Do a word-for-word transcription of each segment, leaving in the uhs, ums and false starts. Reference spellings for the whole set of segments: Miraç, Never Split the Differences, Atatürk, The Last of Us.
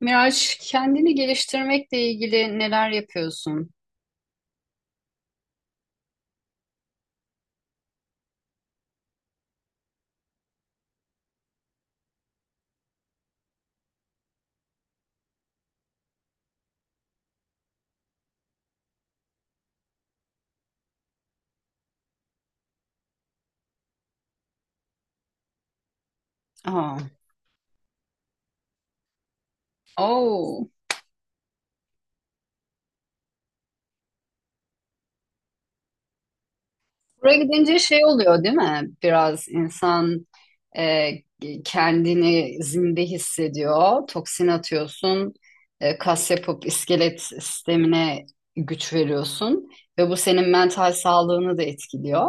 Miraç, kendini geliştirmekle ilgili neler yapıyorsun? Aa, oo. Buraya gidince şey oluyor değil mi? Biraz insan e, kendini zinde hissediyor. Toksin atıyorsun. e, kas yapıp iskelet sistemine güç veriyorsun. Ve bu senin mental sağlığını da etkiliyor.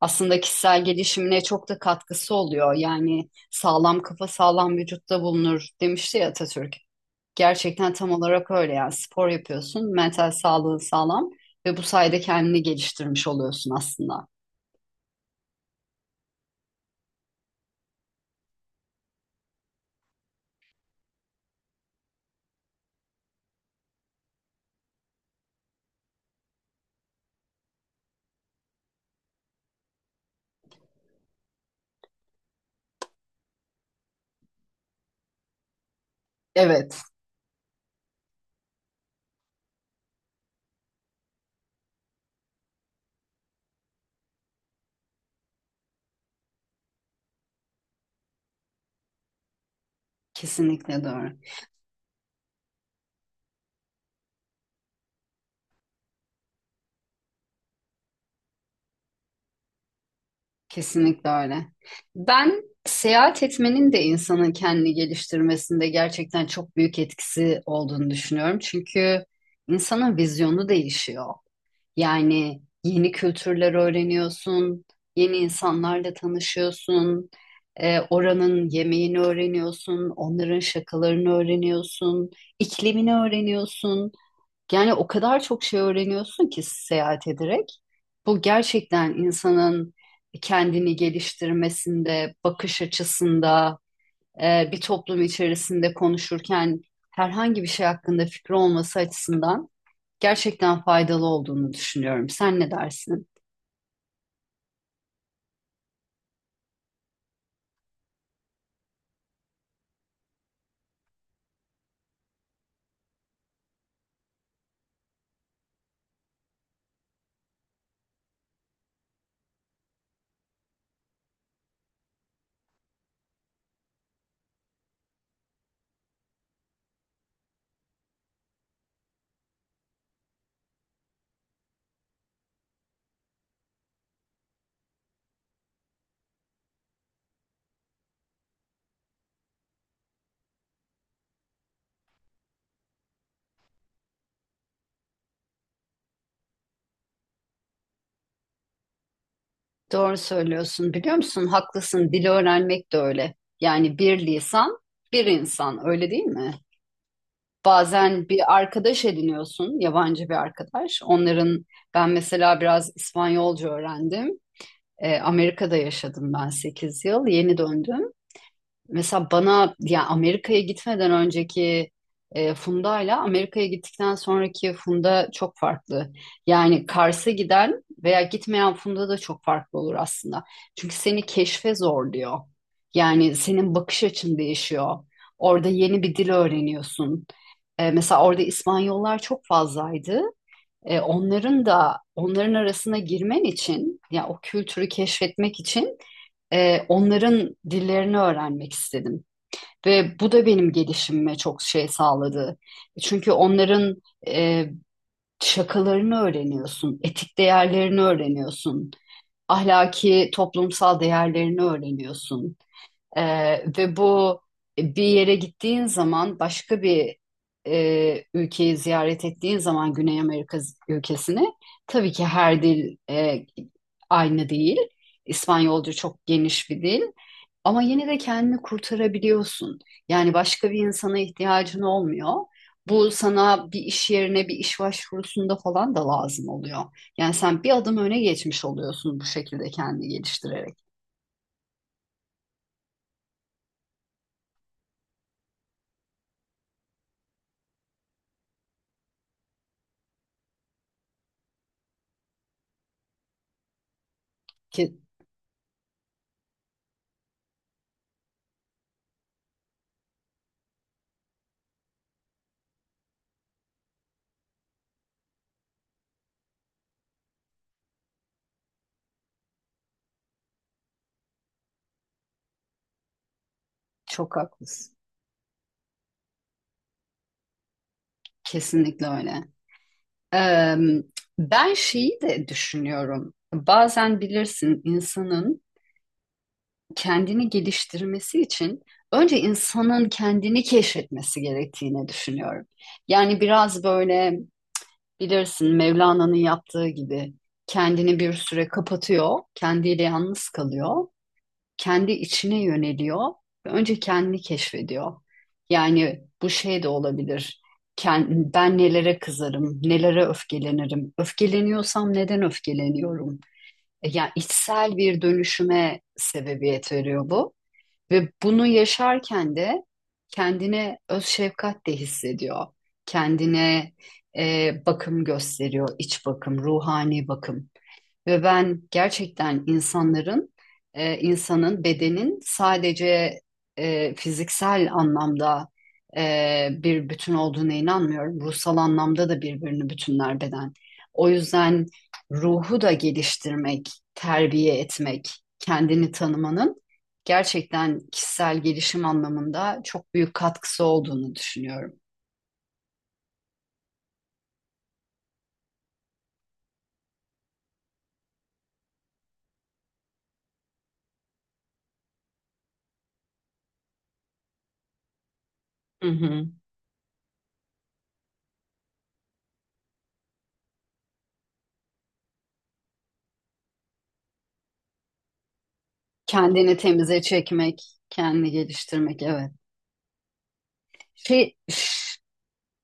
Aslında kişisel gelişimine çok da katkısı oluyor. Yani sağlam kafa sağlam vücutta bulunur demişti ya Atatürk. Gerçekten tam olarak öyle, yani spor yapıyorsun, mental sağlığın sağlam ve bu sayede kendini geliştirmiş oluyorsun aslında. Evet, kesinlikle doğru. Kesinlikle öyle. Ben seyahat etmenin de insanın kendini geliştirmesinde gerçekten çok büyük etkisi olduğunu düşünüyorum. Çünkü insanın vizyonu değişiyor. Yani yeni kültürler öğreniyorsun, yeni insanlarla tanışıyorsun, e, oranın yemeğini öğreniyorsun, onların şakalarını öğreniyorsun, iklimini öğreniyorsun. Yani o kadar çok şey öğreniyorsun ki seyahat ederek. Bu gerçekten insanın kendini geliştirmesinde, bakış açısında, e, bir toplum içerisinde konuşurken herhangi bir şey hakkında fikri olması açısından gerçekten faydalı olduğunu düşünüyorum. Sen ne dersin? Doğru söylüyorsun. Biliyor musun? Haklısın. Dili öğrenmek de öyle. Yani bir lisan, bir insan. Öyle değil mi? Bazen bir arkadaş ediniyorsun, yabancı bir arkadaş. Onların, ben mesela biraz İspanyolca öğrendim. Ee, Amerika'da yaşadım ben sekiz yıl. Yeni döndüm. Mesela bana ya Amerika'ya gitmeden önceki e, Funda ile Amerika'ya gittikten sonraki Funda çok farklı. Yani Kars'a giden veya gitmeyen Funda da çok farklı olur aslında. Çünkü seni keşfe zorluyor. Yani senin bakış açın değişiyor. Orada yeni bir dil öğreniyorsun. E, mesela orada İspanyollar çok fazlaydı. E, onların da onların arasına girmen için, ya o kültürü keşfetmek için e, onların dillerini öğrenmek istedim. Ve bu da benim gelişimime çok şey sağladı. E, Çünkü onların e, şakalarını öğreniyorsun, etik değerlerini öğreniyorsun, ahlaki toplumsal değerlerini öğreniyorsun. E, ve bu e, bir yere gittiğin zaman, başka bir e, ülkeyi ziyaret ettiğin zaman, Güney Amerika ülkesini, tabii ki her dil e, aynı değil. İspanyolca çok geniş bir dil. Ama yine de kendini kurtarabiliyorsun. Yani başka bir insana ihtiyacın olmuyor. Bu sana bir iş yerine, bir iş başvurusunda falan da lazım oluyor. Yani sen bir adım öne geçmiş oluyorsun bu şekilde kendini geliştirerek. Ki çok haklısın. Kesinlikle öyle. Ee, ben şeyi de düşünüyorum. Bazen bilirsin, insanın kendini geliştirmesi için önce insanın kendini keşfetmesi gerektiğini düşünüyorum. Yani biraz böyle, bilirsin, Mevlana'nın yaptığı gibi kendini bir süre kapatıyor, kendiyle yalnız kalıyor, kendi içine yöneliyor ve önce kendini keşfediyor. Yani bu şey de olabilir. Ken- ben nelere kızarım, nelere öfkelenirim, öfkeleniyorsam neden öfkeleniyorum? E, yani içsel bir dönüşüme sebebiyet veriyor bu. Ve bunu yaşarken de kendine öz şefkat de hissediyor. Kendine e, bakım gösteriyor, iç bakım, ruhani bakım. Ve ben gerçekten insanların, e, insanın bedenin sadece e, fiziksel anlamda e, bir bütün olduğuna inanmıyorum. Ruhsal anlamda da birbirini bütünler beden. O yüzden ruhu da geliştirmek, terbiye etmek, kendini tanımanın gerçekten kişisel gelişim anlamında çok büyük katkısı olduğunu düşünüyorum. Hı hı. Kendini temize çekmek, kendini geliştirmek, evet. Şey, üf.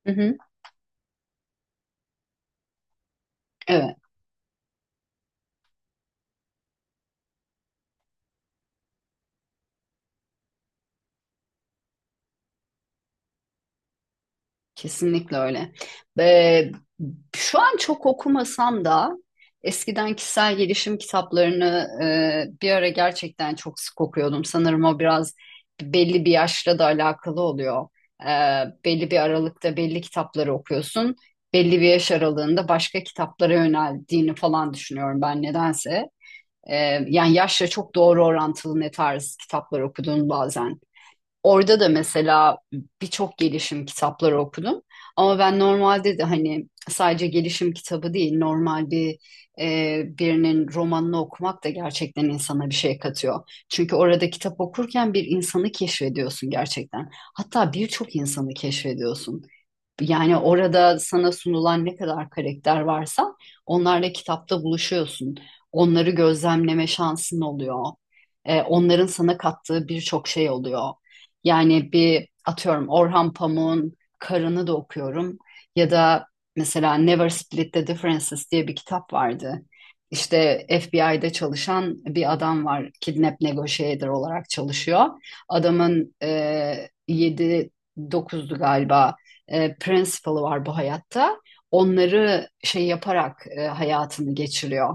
Hı hı. Evet, kesinlikle öyle. Ve şu an çok okumasam da eskiden kişisel gelişim kitaplarını e, bir ara gerçekten çok sık okuyordum. Sanırım o biraz belli bir yaşla da alakalı oluyor. E, belli bir aralıkta belli kitapları okuyorsun. Belli bir yaş aralığında başka kitaplara yöneldiğini falan düşünüyorum ben nedense. E, yani yaşla çok doğru orantılı ne tarz kitaplar okuduğunu bazen. Orada da mesela birçok gelişim kitapları okudum. Ama ben normalde de hani sadece gelişim kitabı değil, normal bir e, birinin romanını okumak da gerçekten insana bir şey katıyor. Çünkü orada kitap okurken bir insanı keşfediyorsun gerçekten. Hatta birçok insanı keşfediyorsun. Yani orada sana sunulan ne kadar karakter varsa onlarla kitapta buluşuyorsun. Onları gözlemleme şansın oluyor. Ee, onların sana kattığı birçok şey oluyor. Yani bir atıyorum, Orhan Pamuk'un Karın'ı da okuyorum. Ya da mesela Never Split the Differences diye bir kitap vardı. İşte F B I'de çalışan bir adam var. Kidnap negotiator olarak çalışıyor. Adamın e, yedi dokuzdu galiba e, principle var bu hayatta. Onları şey yaparak e, hayatını geçiriyor.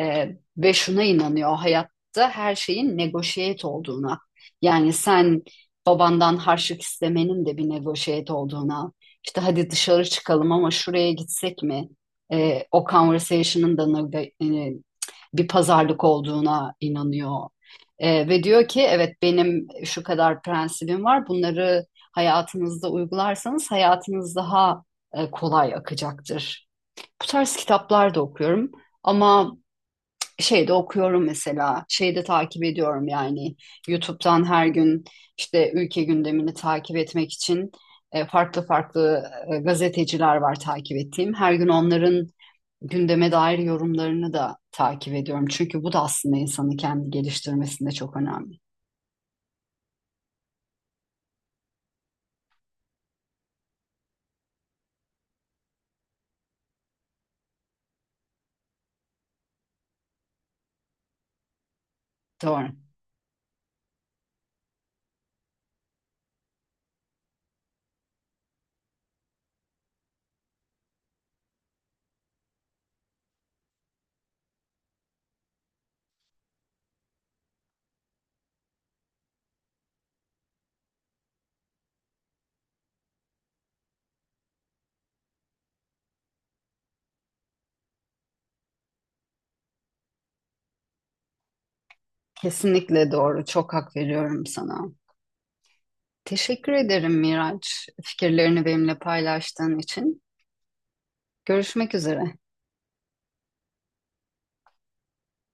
E, ve şuna inanıyor, hayatta her şeyin negotiate olduğuna. Yani sen babandan harçlık istemenin de bir negotiate olduğuna. İşte hadi dışarı çıkalım ama şuraya gitsek mi? E, o conversation'ın da e, bir pazarlık olduğuna inanıyor. E, ve diyor ki evet, benim şu kadar prensibim var. Bunları hayatınızda uygularsanız hayatınız daha e, kolay akacaktır. Bu tarz kitaplar da okuyorum ama şeyde okuyorum mesela, şeyde takip ediyorum, yani YouTube'dan her gün işte ülke gündemini takip etmek için e, farklı farklı e, gazeteciler var takip ettiğim. Her gün onların gündeme dair yorumlarını da takip ediyorum. Çünkü bu da aslında insanı kendi geliştirmesinde çok önemli. Doğru. Kesinlikle doğru. Çok hak veriyorum sana. Teşekkür ederim Miraç, fikirlerini benimle paylaştığın için. Görüşmek üzere.